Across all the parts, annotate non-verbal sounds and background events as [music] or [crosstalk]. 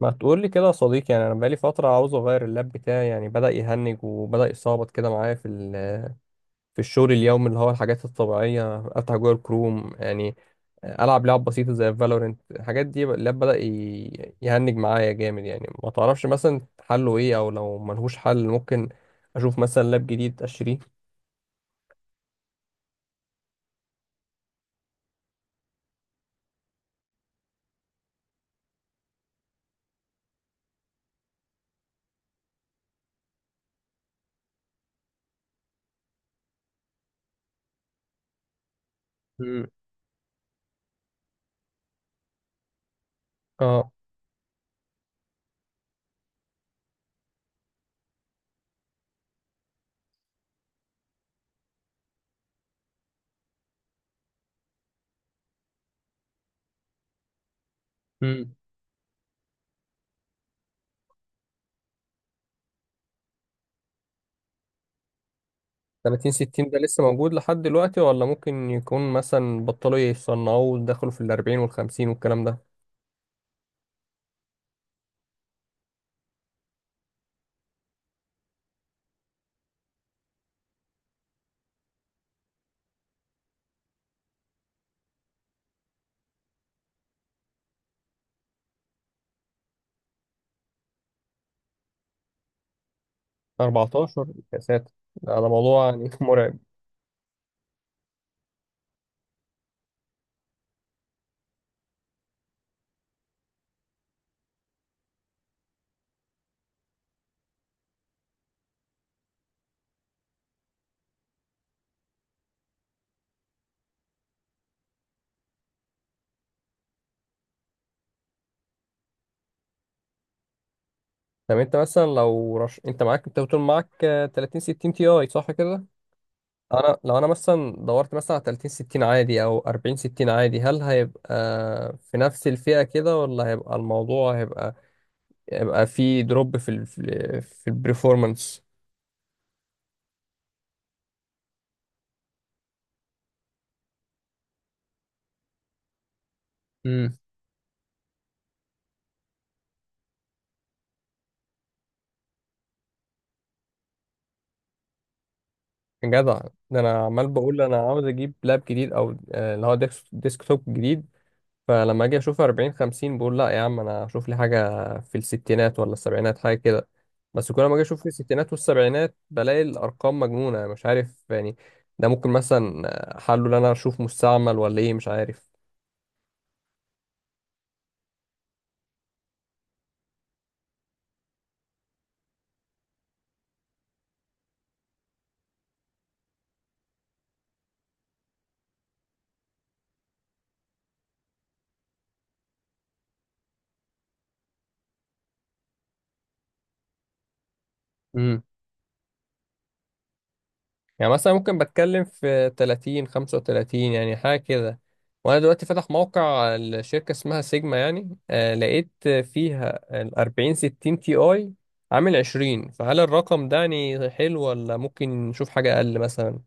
ما تقول لي كده يا صديقي، يعني انا بقالي فتره عاوز اغير اللاب بتاعي يعني بدا يهنج وبدا يصابط كده معايا في الشغل اليومي، اللي هو الحاجات الطبيعيه، افتح جوجل كروم يعني، العب لعب بسيطه زي فالورنت. الحاجات دي اللاب بدا يهنج معايا جامد، يعني ما تعرفش مثلا حله ايه؟ او لو ملهوش حل ممكن اشوف مثلا لاب جديد اشتريه. مم. اه. مم. 30 60 ده لسه موجود لحد دلوقتي ولا ممكن يكون مثلا بطلوا يصنعوه ودخلوا في ال 40 وال 50 والكلام ده؟ 14. يا ساتر، ده موضوع يعني [laughs] مرعب. طب انت مثلا انت بتقول معاك 30 60 تي اي صح كده؟ انا لو انا مثلا دورت مثلا على 30 60 عادي او 40 60 عادي، هل هيبقى في نفس الفئة كده، ولا هيبقى الموضوع هيبقى في دروب في البرفورمانس؟ امم جدع. ده انا عمال بقول انا عاوز اجيب لاب جديد او اللي هو ديسك توب جديد. فلما اجي اشوف 40 50 بقول لا يا عم، انا اشوف لي حاجه في الستينات ولا السبعينات، حاجه كده. بس كل ما اجي اشوف في الستينات والسبعينات بلاقي الارقام مجنونه، مش عارف يعني. ده ممكن مثلا حله ان انا اشوف مستعمل، ولا ايه، مش عارف. يعني مثلا ممكن بتكلم في 30 35 يعني حاجة كده. وانا دلوقتي فاتح موقع الشركة، اسمها سيجما يعني، لقيت فيها ال 40 60 تي اي عامل 20، فهل الرقم ده يعني حلو ولا ممكن نشوف حاجة اقل مثلا؟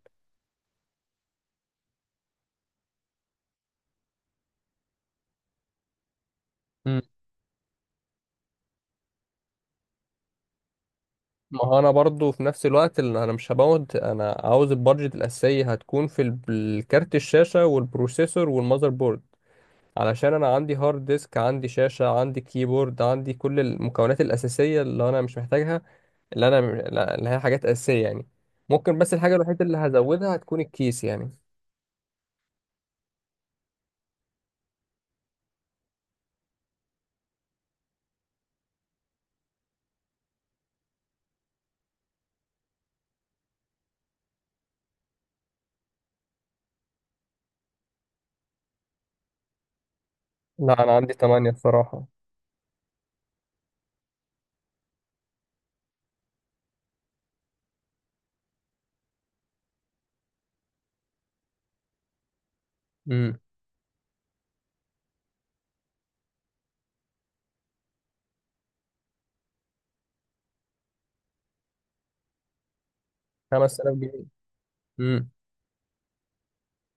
مم. ما هو انا برضو في نفس الوقت اللي انا مش هبوظ، انا عاوز البادجت الاساسية هتكون في الكارت الشاشة والبروسيسور والمذر بورد. علشان انا عندي هارد ديسك، عندي شاشة، عندي كيبورد، عندي كل المكونات الأساسية اللي انا مش محتاجها، اللي انا لا- اللي هي حاجات أساسية يعني. ممكن بس الحاجة الوحيدة اللي هزودها هتكون الكيس يعني. لا، انا عندي 8 الصراحة. امم 5000 جنيه. امم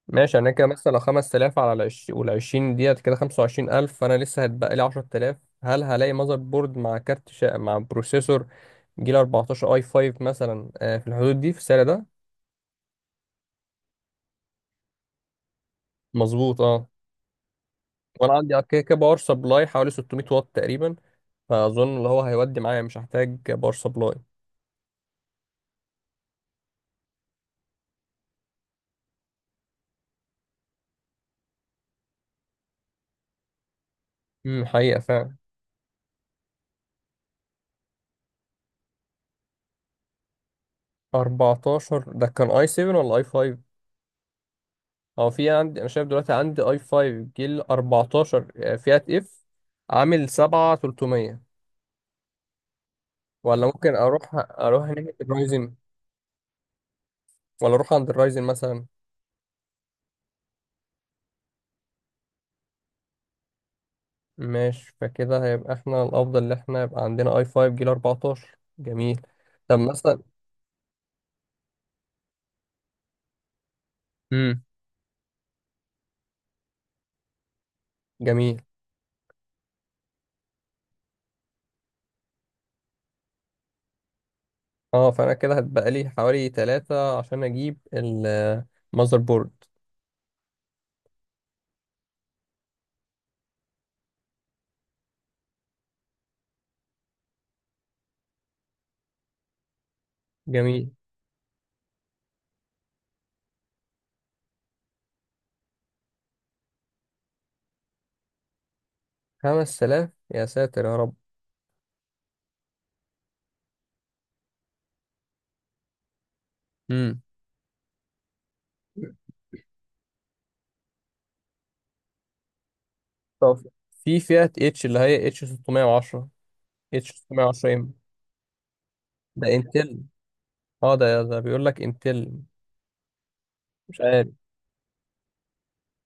ماشي. يعني كده مثلا لو 5000 وال 20 ديت كده 25000، فانا لسه هتبقى لي 10000. هل هلاقي ماذر بورد مع مع بروسيسور جيل 14 اي 5 مثلا، في الحدود دي في السعر ده؟ مظبوط، اه. وانا عندي كده كده باور سبلاي حوالي 600 واط تقريبا، فاظن اللي هو هيودي معايا مش هحتاج باور سبلاي. حقيقة فعلا. 14 ده كان اي 7 ولا اي 5؟ هو في عندي، انا شايف دلوقتي عندي اي 5 جيل 14 فئة اف، عامل 7300. ولا ممكن اروح ناحية الرايزن؟ ولا اروح عند الرايزن مثلا؟ ماشي، فكده هيبقى احنا الافضل ان احنا يبقى عندنا اي 5 جيل 14. جميل. طب مثلا. امم. جميل. اه، فانا كده هتبقى لي حوالي ثلاثة عشان اجيب المذر بورد. جميل. 5000، يا ساتر يا رب. امم. طب في فئة اتش، اللي هي اتش 610. اتش 610 ام. ده انتل. اه، ده بيقول لك انتل. مش عارف.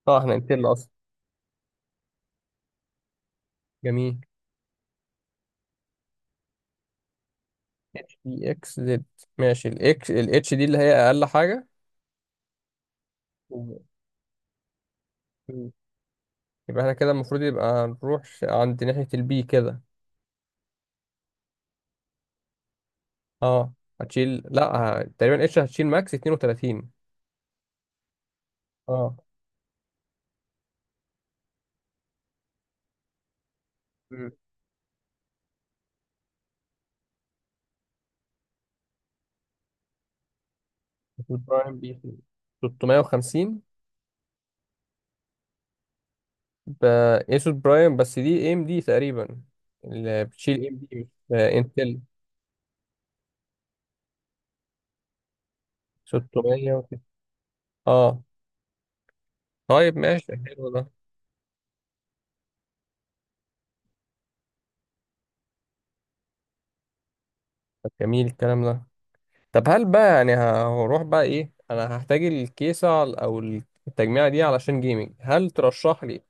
اه، احنا انتل اصلا. جميل. اتش دي اكس زد. ماشي، الاكس الاتش دي اللي هي اقل حاجة. مم. يبقى احنا كده المفروض يبقى عند ناحية البي كده. اه. هتشيل لا. تقريبا اتش هتشيل ماكس 32. اه. مم. اسود برايم بي. 350. ب. اسود برايم. بس دي اي ام دي تقريبا، اللي بتشيل اي ام دي مش انتل. 600 وكده. اه. طيب ماشي، حلو ده. طب جميل الكلام ده. طب هل بقى يعني هروح بقى ايه؟ انا هحتاج الكيسة او التجميعة دي علشان جيمنج. هل ترشح لي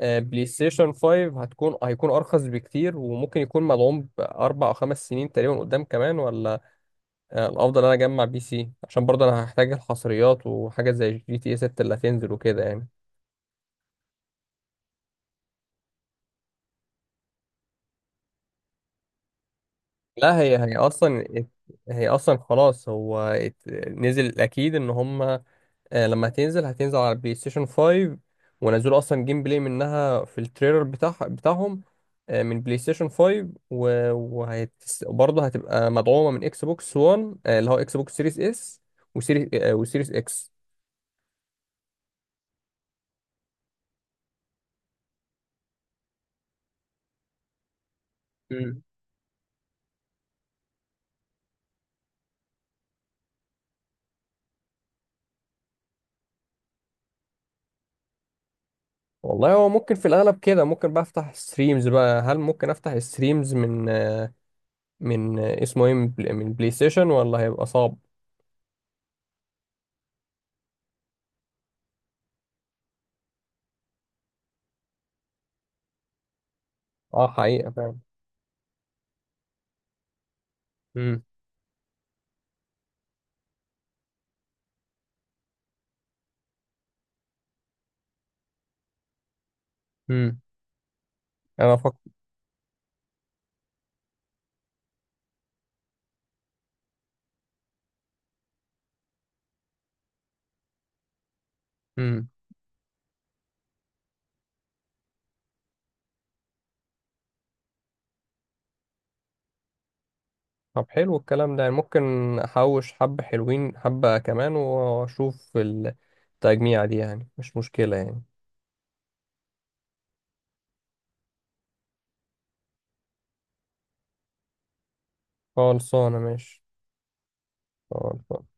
بلاي ستيشن 5؟ هيكون ارخص بكتير وممكن يكون مدعوم ب 4 او 5 سنين تقريبا قدام كمان، ولا الافضل إن انا اجمع بي سي عشان برضه انا هحتاج الحصريات وحاجه زي جي تي اي 6 اللي هتنزل وكده يعني؟ لا، هي اصلا خلاص، هو نزل، اكيد ان هما لما هتنزل هتنزل على البلاي ستيشن 5، ونزلوا اصلا جيم بلاي منها في التريلر بتاعهم من بلاي ستيشن 5، وهت برضه هتبقى مدعومه من اكس بوكس 1، اللي هو اكس بوكس سيريس اس وسيريس، وسيريس اكس. والله هو ممكن في الاغلب كده، ممكن بقى افتح ستريمز بقى، هل ممكن افتح ستريمز من اسمه ايه، من بلاي ستيشن، ولا هيبقى صعب؟ اه، حقيقة فعلا. امم. امم. انا فكر. امم. طب حلو الكلام ده، يعني ممكن احوش حبة حلوين، حبة كمان واشوف التجميع دي، يعني مش مشكلة يعني. خلصانة، ماشي. خلصانة.